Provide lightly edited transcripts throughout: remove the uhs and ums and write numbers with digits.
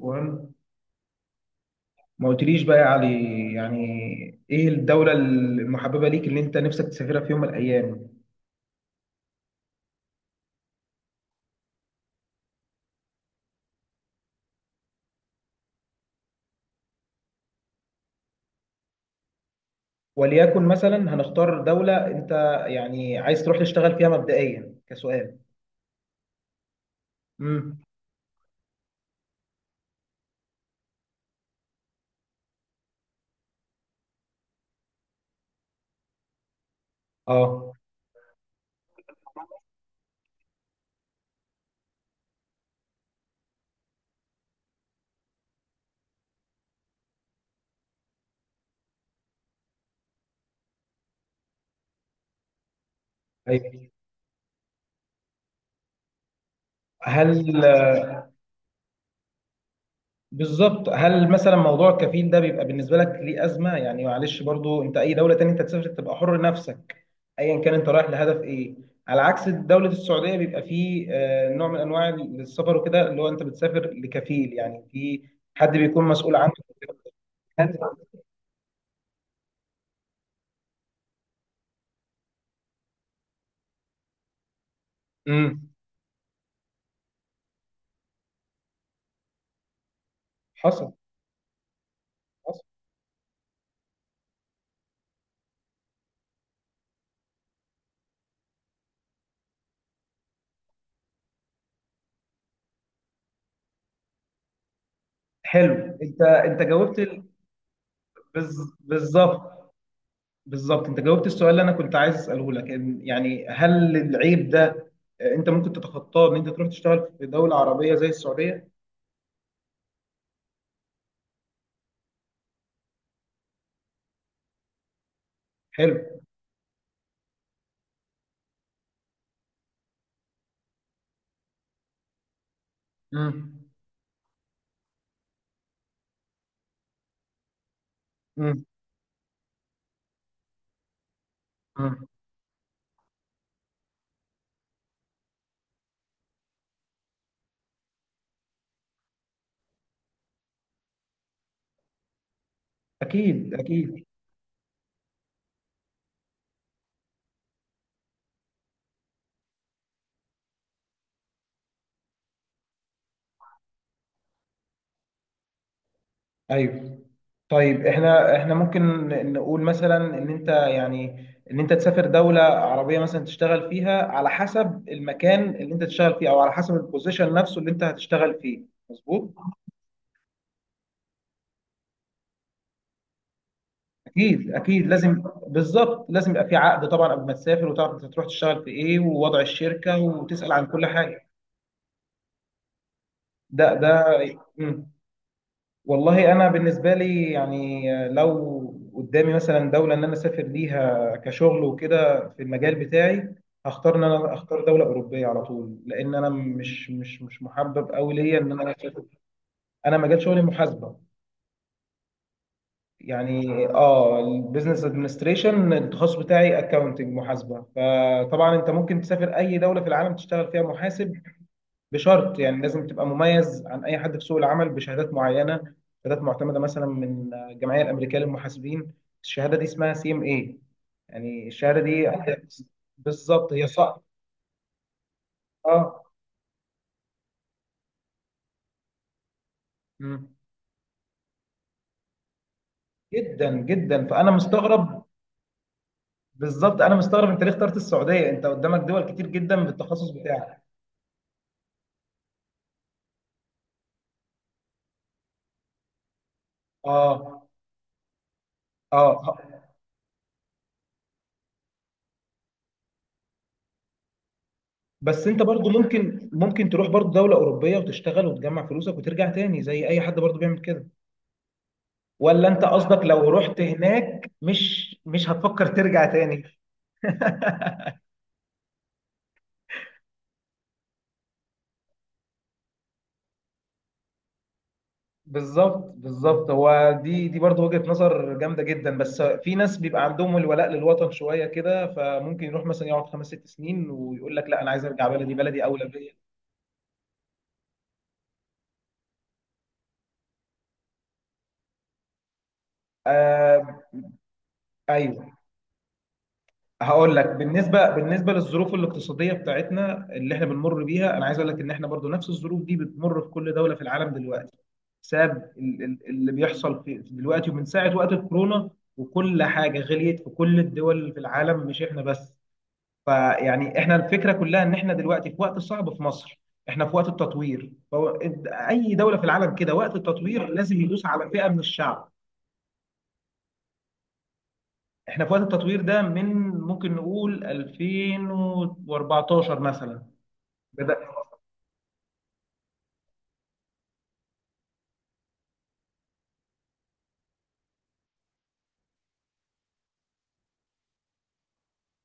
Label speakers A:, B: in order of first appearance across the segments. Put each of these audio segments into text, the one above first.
A: وهم، ما قلتليش بقى يا علي، يعني ايه الدولة المحببة ليك اللي انت نفسك تسافرها في يوم من الايام؟ وليكن مثلا هنختار دولة، انت يعني عايز تروح تشتغل فيها مبدئيا كسؤال؟ امم. اه. ايوه. هل بالظبط. هل مثلا موضوع الكفيل ده بيبقى بالنسبه لك ليه ازمه؟ يعني معلش، برضو انت اي دوله تانية انت تسافر تبقى حر نفسك، ايا كان انت رايح لهدف ايه. على عكس دوله السعوديه بيبقى فيه نوع من انواع السفر وكده، اللي هو انت بتسافر لكفيل، يعني في حد بيكون مسؤول عنك. امم. حصل. حصل. حلو. انت بالظبط، بالظبط، انت جاوبت السؤال اللي انا كنت عايز اساله لك، يعني هل العيب ده انت ممكن تتخطاه ان انت تروح تشتغل في دولة عربية زي السعودية؟ حلو. امم. امم. امم. اكيد، اكيد. ايوه. طيب، احنا ممكن نقول مثلا ان انت، يعني، ان انت تسافر دولة عربية مثلا تشتغل فيها على حسب المكان اللي انت تشتغل فيه او على حسب البوزيشن نفسه اللي انت هتشتغل فيه. مظبوط. اكيد، اكيد، لازم، بالظبط، لازم يبقى في عقد طبعا قبل ما تسافر، وتعرف انت هتروح تشتغل في ايه ووضع الشركه، وتسال عن كل حاجه. ده. مم. والله انا بالنسبه لي يعني لو قدامي مثلا دوله ان انا اسافر ليها كشغل وكده في المجال بتاعي، هختار ان انا اختار دوله اوروبيه على طول، لان انا مش محبب قوي ليا ان انا اسافر. انا مجال شغلي محاسبه، يعني البيزنس ادمنستريشن التخصص بتاعي، اكاونتنج، محاسبه. فطبعا انت ممكن تسافر اي دوله في العالم تشتغل فيها محاسب، بشرط يعني لازم تبقى مميز عن اي حد في سوق العمل بشهادات معينه، شهادات معتمده مثلا من الجمعيه الامريكيه للمحاسبين. الشهاده دي اسمها سي ام اي. يعني الشهاده دي، بالظبط، هي صعبه. اه. مم. جدا جدا، فانا مستغرب. بالظبط، انا مستغرب انت ليه اخترت السعوديه، انت قدامك دول كتير جدا بالتخصص بتاعك. اه، اه. بس انت برضو ممكن تروح برضو دولة أوروبية وتشتغل وتجمع فلوسك وترجع تاني زي أي حد برضو بيعمل كده، ولا انت قصدك لو رحت هناك مش هتفكر ترجع تاني؟ بالظبط، بالظبط. هو دي برضو وجهة نظر جامدة جدا، بس في ناس بيبقى عندهم الولاء للوطن شوية كده، فممكن يروح مثلا يقعد 5 6 سنين ويقول لك لا أنا عايز أرجع بلدي، بلدي أولى بيا. آه. ايوه. هقول لك، بالنسبه للظروف الاقتصاديه بتاعتنا اللي احنا بنمر بيها، انا عايز اقول لك ان احنا برضو نفس الظروف دي بتمر في كل دوله في العالم دلوقتي، بسبب اللي بيحصل في دلوقتي، ومن ساعه وقت الكورونا، وكل حاجه غليت في كل الدول اللي في العالم، مش احنا بس. فيعني احنا الفكره كلها ان احنا دلوقتي في وقت صعب في مصر، احنا في وقت التطوير. اي دوله في العالم كده، وقت التطوير لازم يدوس على فئه من الشعب. احنا في وقت التطوير ده من، ممكن نقول 2014 مثلا، بدأ.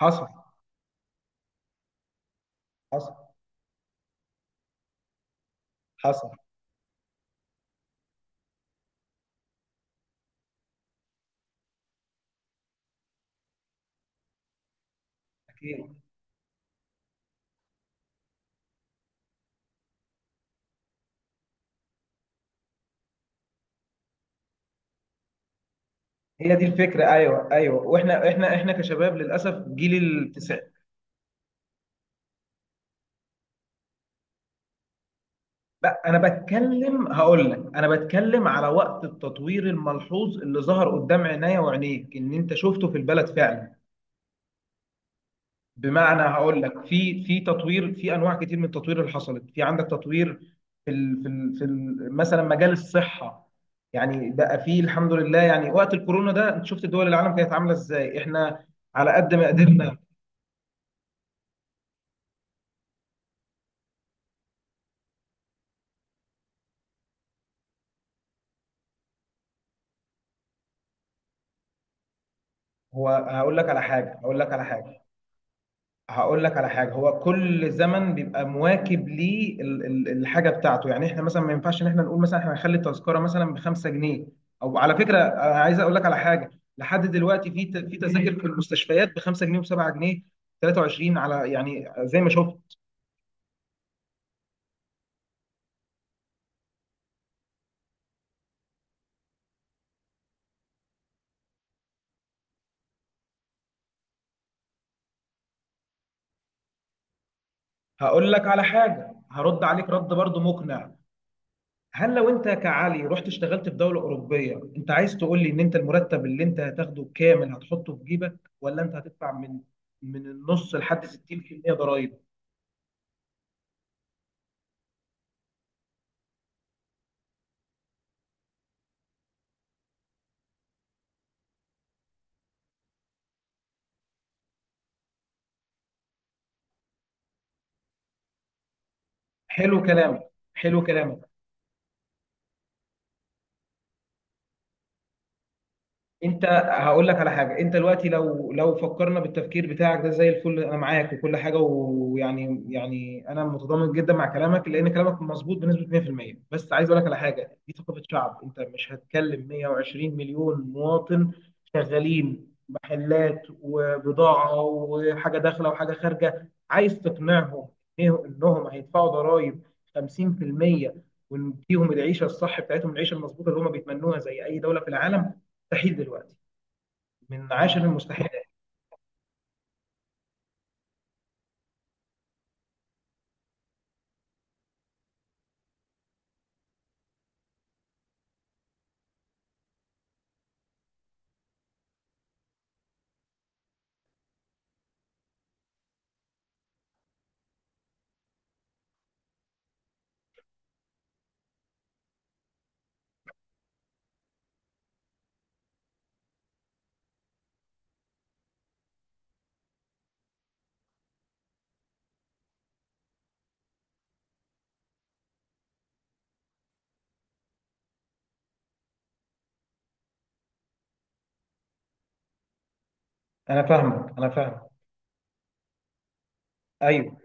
A: حصل. حصل. حصل. اكيد. هي دي الفكره. ايوه، ايوه. واحنا، احنا احنا كشباب للاسف جيل التسعينات. لا، انا بتكلم، هقول لك، انا بتكلم على وقت التطوير الملحوظ اللي ظهر قدام عينيا وعينيك، ان انت شفته في البلد فعلا. بمعنى هقول لك في تطوير في انواع كتير من التطوير اللي حصلت، في عندك تطوير في ال مثلا مجال الصحه. يعني بقى فيه الحمد لله، يعني وقت الكورونا ده انت شفت دول العالم كانت عامله ازاي، احنا على قد ما قدرنا. هو هقول لك على حاجه، هو كل زمن بيبقى مواكب ليه الحاجه بتاعته، يعني احنا مثلا ما ينفعش ان احنا نقول مثلا احنا هنخلي التذكره مثلا ب 5 جنيه. او على فكره، انا عايز اقول لك على حاجه، لحد دلوقتي في تذاكر في المستشفيات ب 5 جنيه و7 جنيه 23، على، يعني زي ما شفت. هقول لك على حاجه، هرد عليك رد برضو مقنع. هل لو انت كعلي رحت اشتغلت في دولة أوروبية، انت عايز تقول لي ان انت المرتب اللي انت هتاخده كامل هتحطه في جيبك، ولا انت هتدفع من النص لحد 60% ضرائب؟ حلو كلامك، حلو كلامك. انت، هقول لك على حاجه، انت دلوقتي لو فكرنا بالتفكير بتاعك ده زي الفل، انا معاك وكل حاجه، ويعني انا متضامن جدا مع كلامك لان كلامك مظبوط بنسبه 100%، بس عايز اقول لك على حاجه، دي ثقافه شعب، انت مش هتكلم 120 مليون مواطن شغالين محلات وبضاعه وحاجه داخله وحاجه خارجه، عايز تقنعهم انهم هيدفعوا ضرائب 50% ونديهم العيشه الصح بتاعتهم، العيشه المظبوطه اللي هم بيتمنوها زي اي دوله في العالم. مستحيل دلوقتي، من عاشر المستحيلات. انا فاهمك، انا فاهمك. ايوه،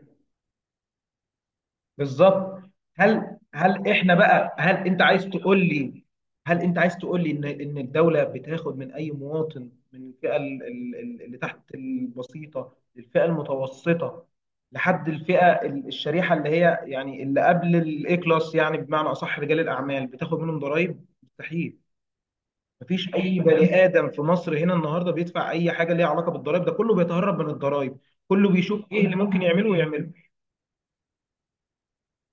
A: بالظبط. هل احنا بقى، هل انت عايز تقول لي ان الدوله بتاخد من اي مواطن من الفئه اللي تحت البسيطه للفئه المتوسطه، لحد الفئه الشريحه اللي هي يعني اللي قبل الاي كلاس، يعني بمعنى اصح رجال الاعمال، بتاخد منهم ضرائب؟ مستحيل. مفيش اي بني ادم في مصر هنا النهارده بيدفع اي حاجه ليها علاقه بالضرائب، ده كله بيتهرب من الضرائب، كله بيشوف ايه اللي ممكن يعمله ويعمله.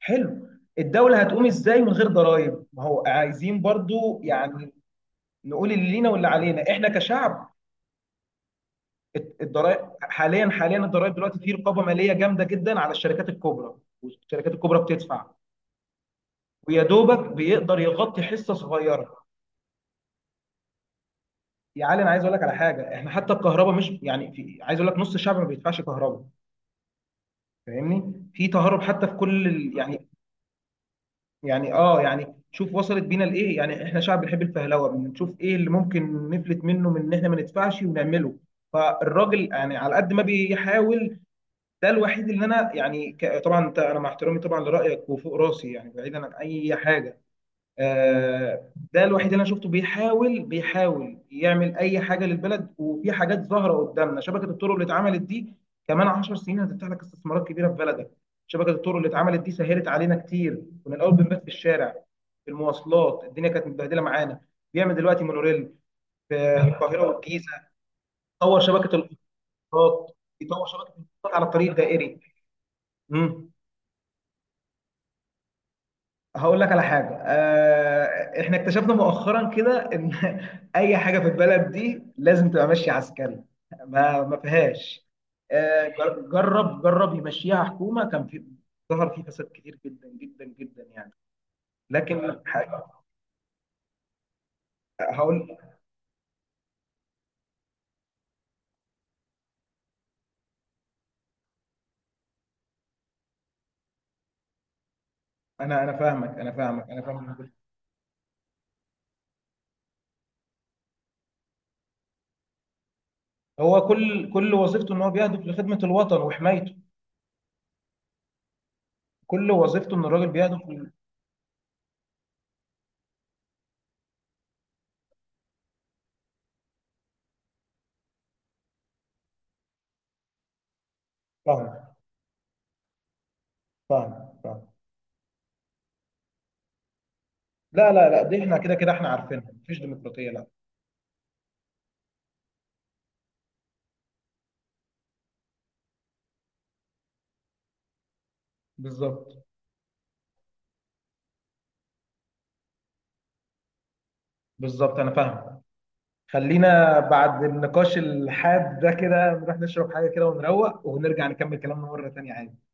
A: حلو. الدوله هتقوم ازاي من غير ضرائب؟ ما هو عايزين برضو يعني نقول اللي لينا واللي علينا احنا كشعب. الضرائب، حاليا، الضرائب دلوقتي في رقابه ماليه جامده جدا على الشركات الكبرى، والشركات الكبرى بتدفع، ويا دوبك بيقدر يغطي حصه صغيره. يا علي، انا عايز اقول لك على حاجه، احنا حتى الكهرباء مش يعني، في، عايز اقول لك نص الشعب ما بيدفعش كهرباء. فاهمني، في تهرب حتى في كل يعني، شوف وصلت بينا لايه، يعني احنا شعب بنحب الفهلوه، بنشوف ايه اللي ممكن نفلت منه من ان احنا ما ندفعش ونعمله. فالراجل يعني على قد ما بيحاول، ده الوحيد اللي انا يعني طبعا انت، انا مع احترامي طبعا لرايك وفوق راسي، يعني بعيدا عن اي حاجه، ده الوحيد اللي انا شفته بيحاول، بيحاول يعمل اي حاجه للبلد، وفي حاجات ظاهره قدامنا، شبكه الطرق اللي اتعملت دي كمان 10 سنين هتفتح لك استثمارات كبيره في بلدك. شبكه الطرق اللي اتعملت دي سهلت علينا كتير، كنا الاول بنبات في الشارع في المواصلات، الدنيا كانت متبهدله معانا. بيعمل دلوقتي مونوريل في القاهره والجيزه، طور شبكه القطارات يطور شبكه القطارات على الطريق الدائري. مم. هقول لك على حاجة، احنا اكتشفنا مؤخرا كده ان اي حاجة في البلد دي لازم تبقى ماشية عسكري. ما فيهاش. جرب يمشيها حكومة، كان في، ظهر فيه فساد كتير جدا جدا جدا يعني. لكن ح- هقول. انا فاهمك، انا فاهمك، انا فاهمك. هو كل وظيفته ان هو بيهدف لخدمة الوطن وحمايته، كل وظيفته ان الراجل بيهدف فاهم، فاهم، فاهم. لا، لا، لا، دي احنا كده كده احنا عارفينها، مفيش ديمقراطية، لا. بالظبط، بالظبط، انا فاهم. خلينا بعد النقاش الحاد ده كده نروح نشرب حاجه كده ونروق ونرجع نكمل كلامنا مره تانية، عادي.